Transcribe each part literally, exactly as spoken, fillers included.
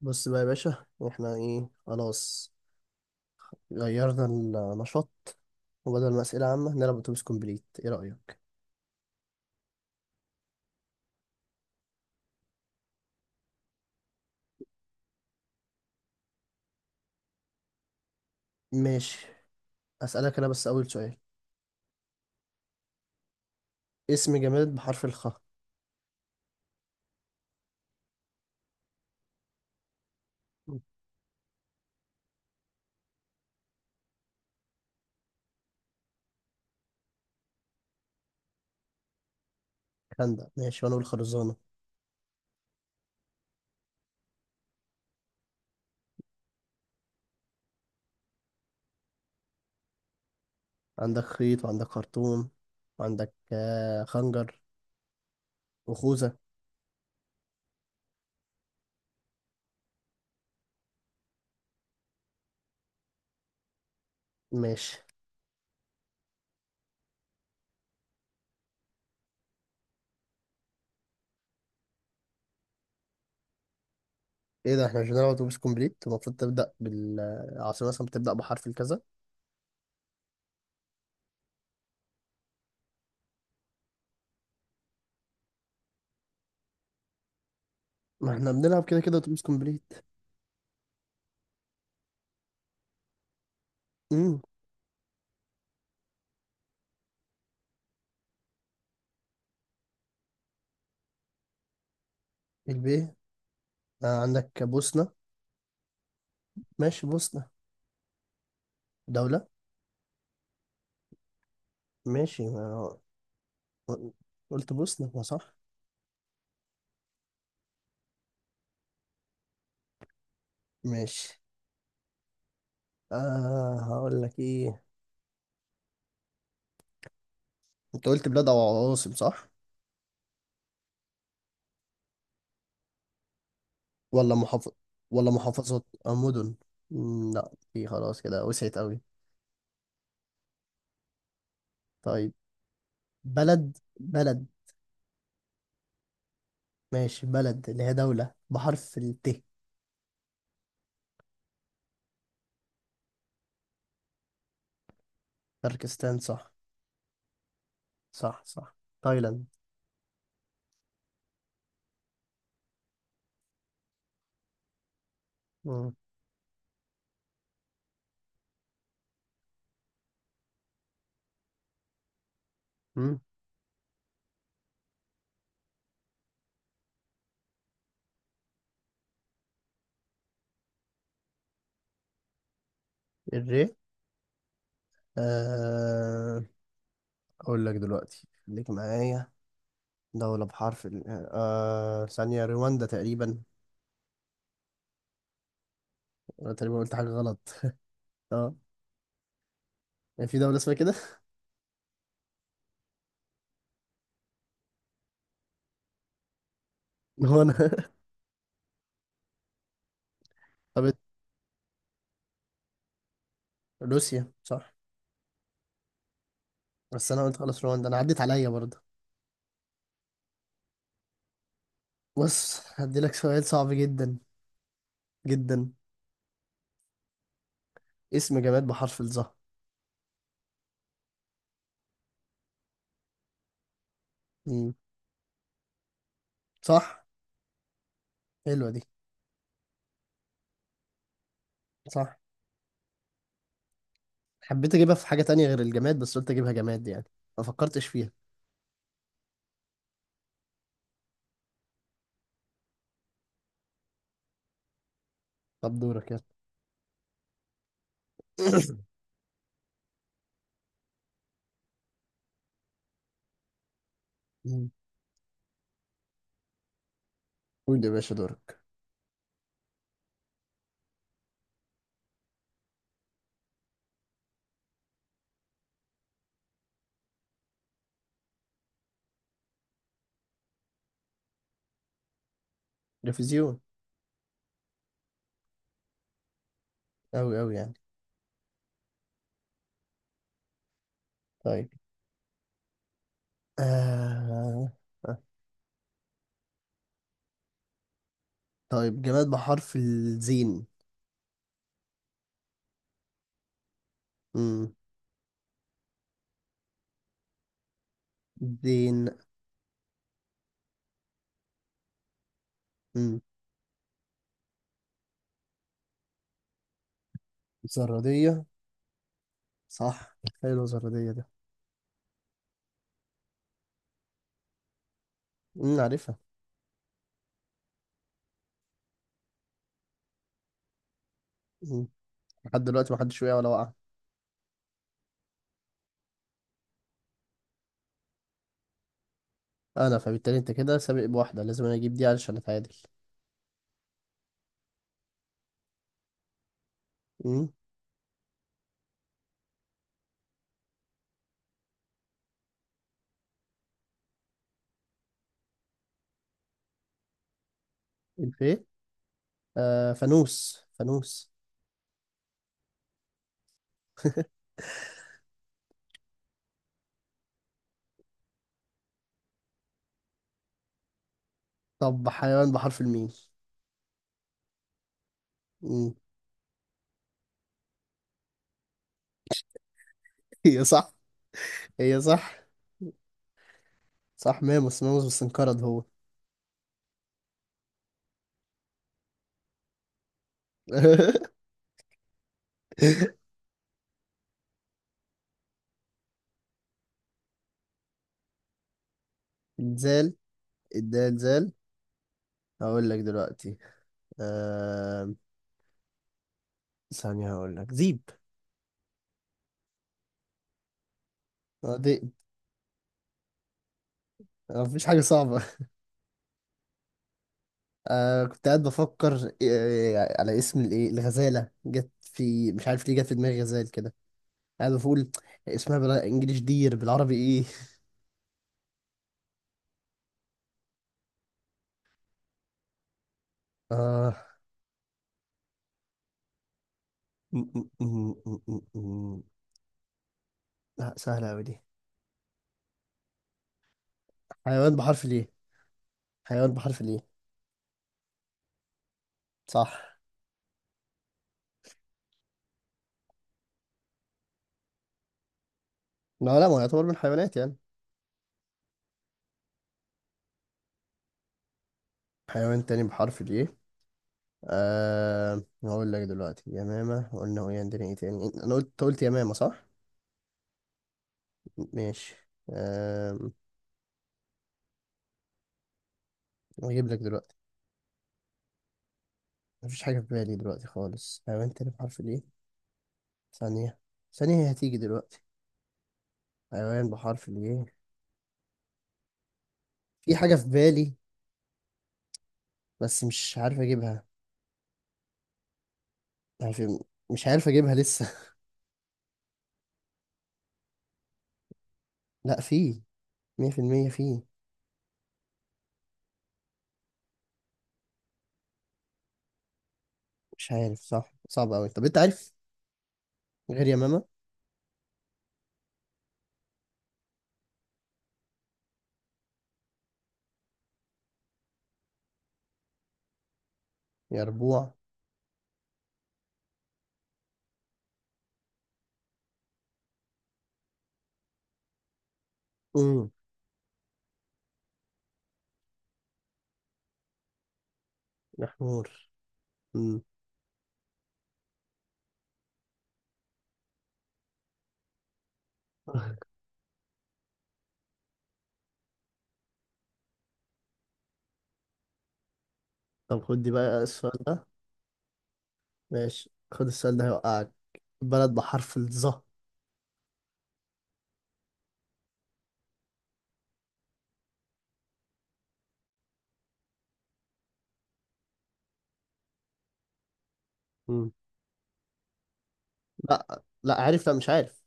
بص بقى يا باشا، احنا ايه خلاص؟ غيرنا النشاط، وبدل ما اسئله عامه نلعب اتوبيس كومبليت، ايه رايك؟ ماشي، اسالك انا بس اول سؤال. اسم جماد بحرف الخاء. خندق ماشي، وانا اقول خرزانه. عندك خيط وعندك خرطوم وعندك آه، خنجر وخوذه. ماشي. ايه ده؟ احنا مش بنلعب اتوبيس كومبليت؟ المفروض تبدا بالعاصمه، مثلا بتبدا بحرف الكذا. ما احنا بنلعب كده كده اتوبيس كومبليت. امم. الب. آه، عندك بوسنه. ماشي بوسنه. دولة. ماشي ما قلت بوسنة؟ ما صح. ماشي. آه هقول لك ايه، انت قلت بلاد او عواصم صح؟ ولا محافظ، ولا محافظات او مدن؟ مم، لا، في خلاص كده وسعت قوي. طيب. بلد، بلد. ماشي، بلد اللي هي دولة بحرف الت. تركستان. صح صح. صح تايلاند. مم. مم. الري. آه اقول لك دلوقتي، خليك معايا. دولة بحرف ال، آه ثانية، رواندا تقريبا. انا تقريبا قلت حاجه غلط، اه. يعني في دوله اسمها كده. هو انا. طب إت- روسيا صح. بس انا قلت خلاص رواندا، انا عديت عليا برضه. بص، هديلك سؤال صعب جدا. جدا. اسم جماد بحرف الظهر. مم. صح. حلوه دي. صح. حبيت اجيبها في حاجه تانية غير الجماد، بس قلت اجيبها جماد يعني. ما فكرتش فيها. طب دورك يلا. مم. قول يا باشا دورك. تلفزيون. أوي أوي يعني. طيب. آه... آه. طيب، جماد بحرف الزين. مم. زين. زرادية. صح، حلو زرادية ده. أمم، عارفها. أمم، لحد دلوقتي محدش وقع ولا وقع. أنا، فبالتالي أنت كده سابق بواحدة، لازم أنا أجيب دي علشان أتعادل. أمم، الفي. آه فانوس، فانوس. طب حيوان بحرف الميم. أمم. هي صح. هي صح. صح، ماموس. ماموس، بس انقرض هو. الزال. الدال، زال. هقول لك دلوقتي. آه... ثانية، هقول لك زيب. آه، دي. آه، مفيش حاجة صعبة. آه كنت قاعد بفكر، آه على اسم الايه، الغزالة جت في، مش عارف ليه جت في دماغي غزال كده، قاعد بقول اسمها بالانجلش دير، بالعربي ايه؟ آه م- م- م- م- م- م. لا، سهلة أوي دي. حيوان بحرف ليه؟ حيوان بحرف ليه؟ صح. لا لا، ما هو يعتبر من الحيوانات يعني. حيوان تاني بحرف ليه. آه هقول لك دلوقتي يمامة قلنا، هو عندنا ايه تاني؟ انا قلت، أنت قلت يمامة صح؟ ماشي. آه هجيب لك دلوقتي. مفيش حاجة في بالي دلوقتي خالص. حيوان تاني بحرف الإيه. ثانية. ثانية هي هتيجي دلوقتي. حيوان بحرف الإيه. في حاجة في بالي، بس مش عارف أجيبها. عارف، مش عارف أجيبها لسه. لأ، في. مية في المية في. مش عارف صح، صعب أوي. طب أنت عارف غير يا ماما؟ يا ربوع. أمم. يا حمور. أمم. طب خد دي بقى، السؤال ده. ماشي، خد السؤال ده هيوقعك. بلد بحرف الظا. أمم. لأ لأ، عارف، لأ مش عارف.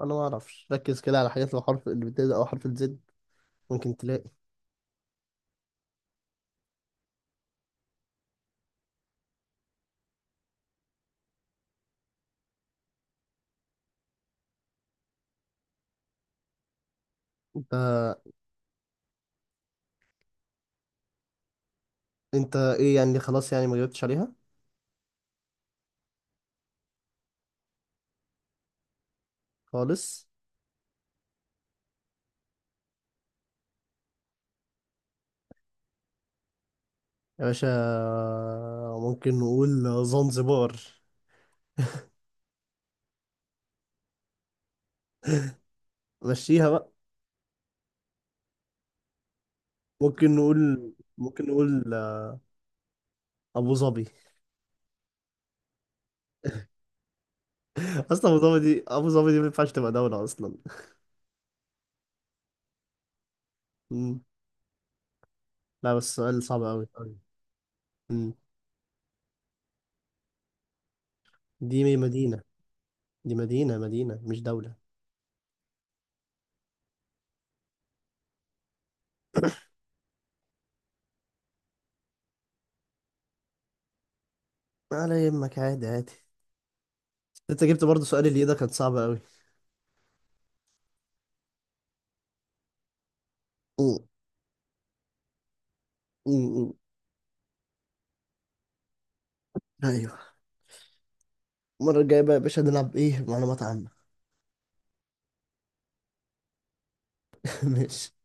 أنا ما أعرفش. ركز كده على حاجات اللي بحرف، اللي بتبدأ أو حرف الزد، ممكن تلاقي. انت انت ايه يعني؟ خلاص يعني ما جاوبتش عليها؟ خالص. يا باشا، ممكن نقول زنزبار. مشيها بقى. ممكن نقول ممكن نقول ابو ظبي. اصلا ابو ظبي دي، ابو ظبي دي ما ينفعش تبقى دولة اصلا. مم. لا بس سؤال صعب قوي. دي مدينة. دي مدينة، مدينة مش دولة. على يمك، عادي عادي. انت جبت برضه سؤال اللي إيه ده، كان صعب قوي. مم. مم. ايوه. المرة الجاية بقى يا باشا نلعب ايه، معلومات عامة. ماشي.